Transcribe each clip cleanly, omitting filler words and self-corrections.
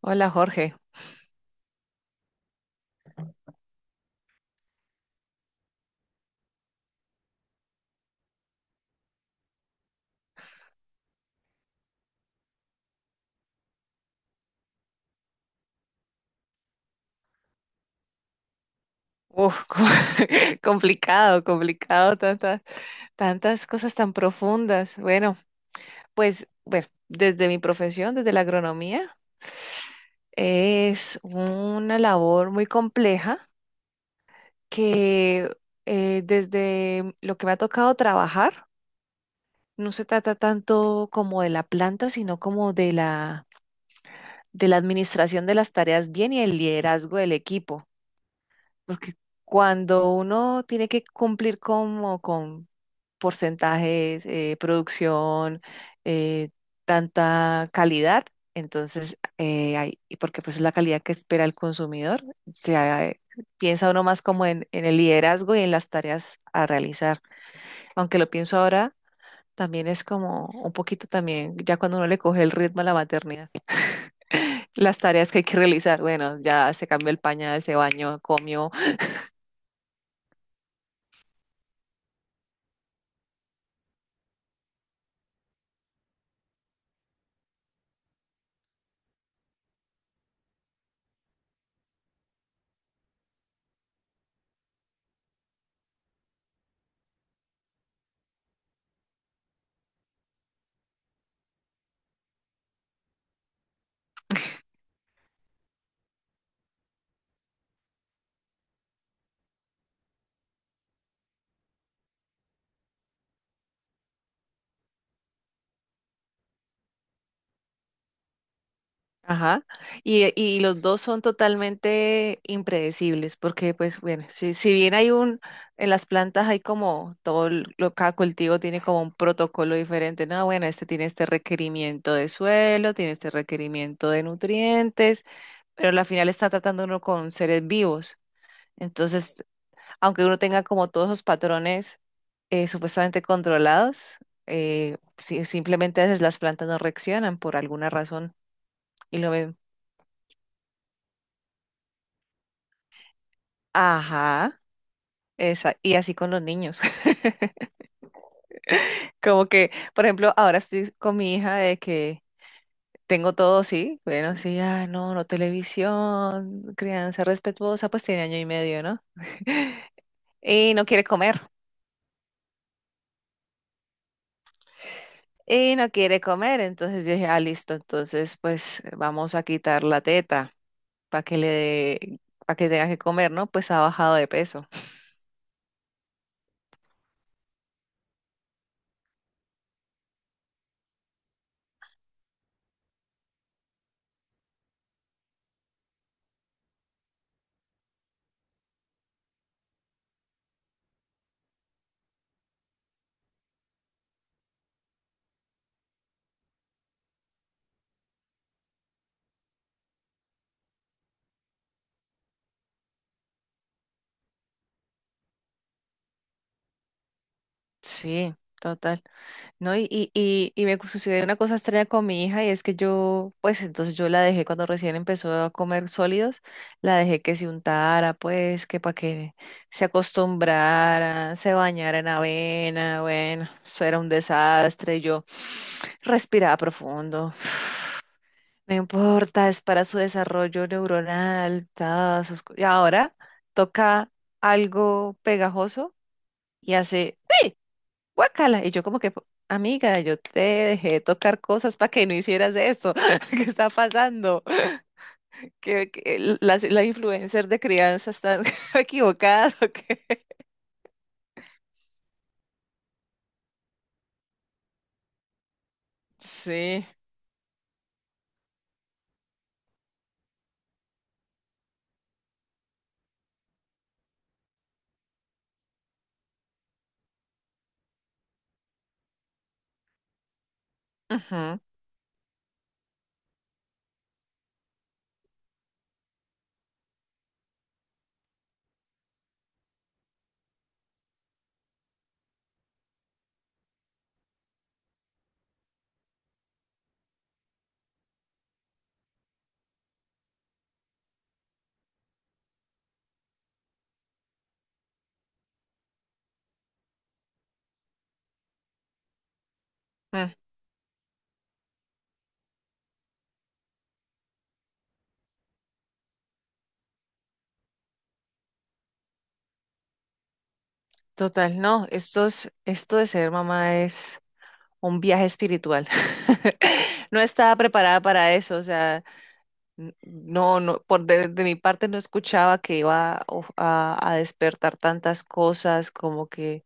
Hola, Jorge. Uf, complicado, complicado, tantas cosas tan profundas. Bueno, desde mi profesión, desde la agronomía, es una labor muy compleja que desde lo que me ha tocado trabajar, no se trata tanto como de la planta, sino como de la administración de las tareas bien y el liderazgo del equipo. Porque cuando uno tiene que cumplir como con porcentajes, producción, eh, tanta calidad, entonces, y porque pues es la calidad que espera el consumidor, se, ha- eh, piensa uno más como en el liderazgo y en las tareas a realizar. Aunque lo pienso ahora, también es como un poquito también, ya cuando uno le coge el ritmo a la maternidad, las tareas que hay que realizar, bueno, ya se cambió el pañal, se bañó, comió. Ajá. Y los dos son totalmente impredecibles, porque pues bueno, si bien hay un, en las plantas hay como todo cada cultivo tiene como un protocolo diferente, no, bueno, este tiene este requerimiento de suelo, tiene este requerimiento de nutrientes, pero al final está tratando uno con seres vivos. Entonces, aunque uno tenga como todos esos patrones supuestamente controlados, simplemente a veces las plantas no reaccionan por alguna razón. Y lo, Ajá, esa, y así con los niños. Como que, por ejemplo, ahora estoy con mi hija de que tengo todo, sí, bueno, sí, ah, no, no televisión, crianza respetuosa, pues tiene año y medio, ¿no? Y no quiere comer, y no quiere comer, entonces yo dije, ah, listo, entonces pues vamos a quitar la teta para que para que tenga que comer, ¿no? Pues ha bajado de peso. Sí, total. ¿No? Y me sucedió una cosa extraña con mi hija y es que yo, pues entonces yo la dejé cuando recién empezó a comer sólidos, la dejé que se untara, pues que para que se acostumbrara, se bañara en avena, bueno, eso era un desastre, yo respiraba profundo, no importa, es para su desarrollo neuronal, todas sus y ahora toca algo pegajoso y hace... ¡pi! Guácala. Y yo como que, amiga, yo te dejé de tocar cosas para que no hicieras esto. ¿Qué está pasando? Que las influencers de crianza están equivocadas o qué? Sí. Ujú. mm, Total, no, esto esto de ser mamá es un viaje espiritual. No estaba preparada para eso, o sea, no, no, de mi parte no escuchaba que iba a, a despertar tantas cosas, como que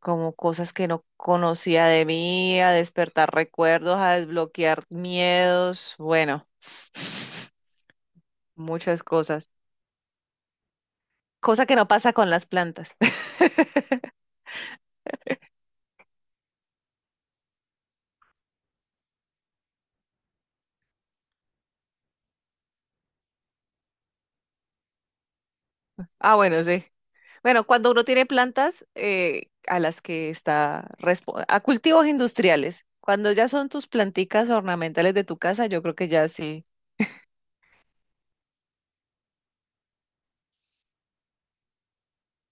como cosas que no conocía de mí, a despertar recuerdos, a desbloquear miedos, bueno, muchas cosas. Cosa que no pasa con las plantas. Ah, bueno, sí. Bueno, cuando uno tiene plantas a las que está a cultivos industriales, cuando ya son tus planticas ornamentales de tu casa, yo creo que ya sí,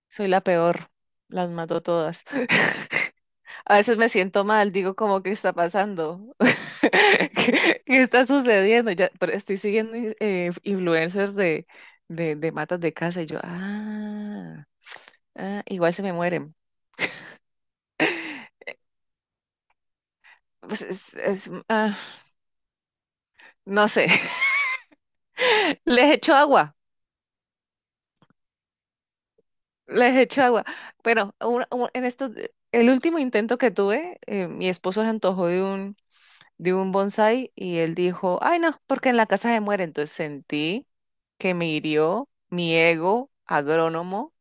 soy la peor, las mato todas. A veces me siento mal, digo como, ¿qué está pasando? ¿Qué, qué está sucediendo? Ya, pero estoy siguiendo influencers de matas de casa y yo, ah, ah, igual se me mueren. Pues no sé, les echo agua, les echo agua. Bueno, en esto, el último intento que tuve, mi esposo se antojó de un bonsái y él dijo, ay no, porque en la casa se muere. Entonces sentí que me hirió mi ego agrónomo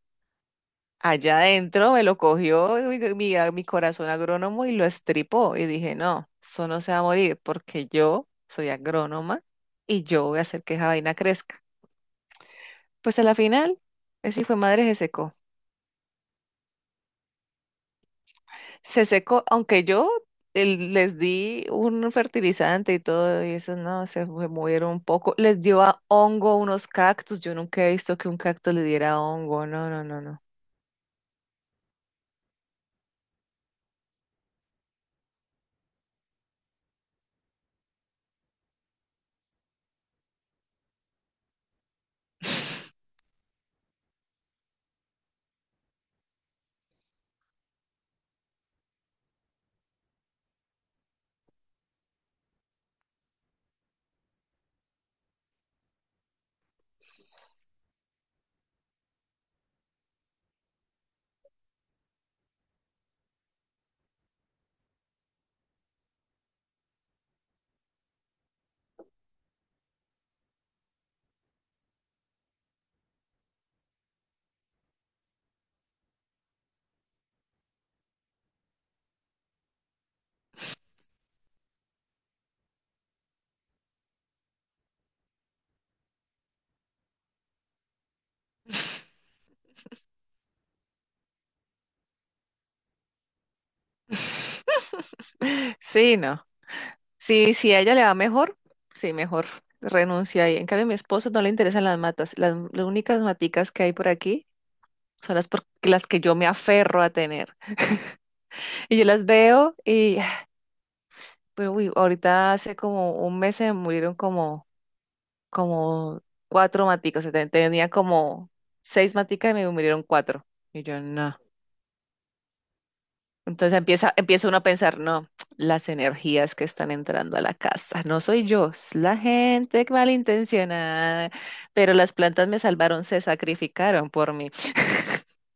allá adentro, me lo cogió mi corazón agrónomo y lo estripó. Y dije, no, eso no se va a morir porque yo soy agrónoma y yo voy a hacer que esa vaina crezca. Pues a la final, ese hijo de madre se secó. Se secó, aunque yo les di un fertilizante y todo, y eso no, murieron un poco. Les dio a hongo unos cactus. Yo nunca he visto que un cactus le diera hongo. No, no, no, no. Sí, no. Sí, si a ella le va mejor, sí, mejor renuncia ahí. En cambio, a mi esposo no le interesan las matas. Las únicas maticas que hay por aquí son las que yo me aferro a tener. Y yo las veo y pero uy, ahorita hace como un mes se murieron como, como cuatro maticos. O sea, tenía como seis maticas y me murieron cuatro. Y yo no. Entonces empieza, empieza uno a pensar, no, las energías que están entrando a la casa. No soy yo, es la gente malintencionada. Pero las plantas me salvaron, se sacrificaron por mí.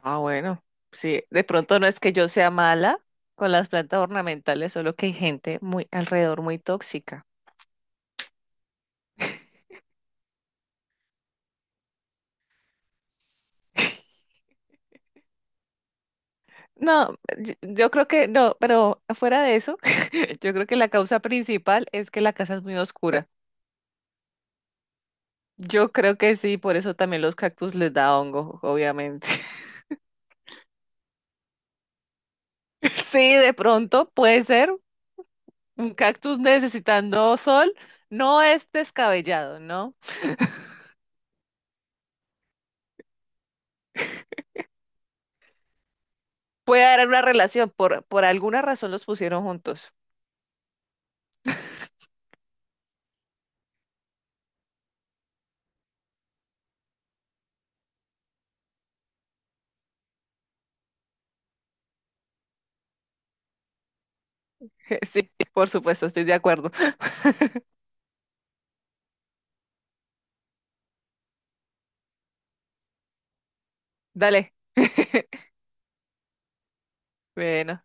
Ah, bueno, sí, de pronto no es que yo sea mala con las plantas ornamentales, solo que hay gente muy alrededor muy tóxica. No, yo creo que no, pero fuera de eso, yo creo que la causa principal es que la casa es muy oscura. Yo creo que sí, por eso también los cactus les da hongo, obviamente. Sí, de pronto puede ser un cactus necesitando sol, no es descabellado, ¿no? Puede haber una relación, por alguna razón los pusieron juntos. Sí, por supuesto, estoy de acuerdo. Dale. Bueno.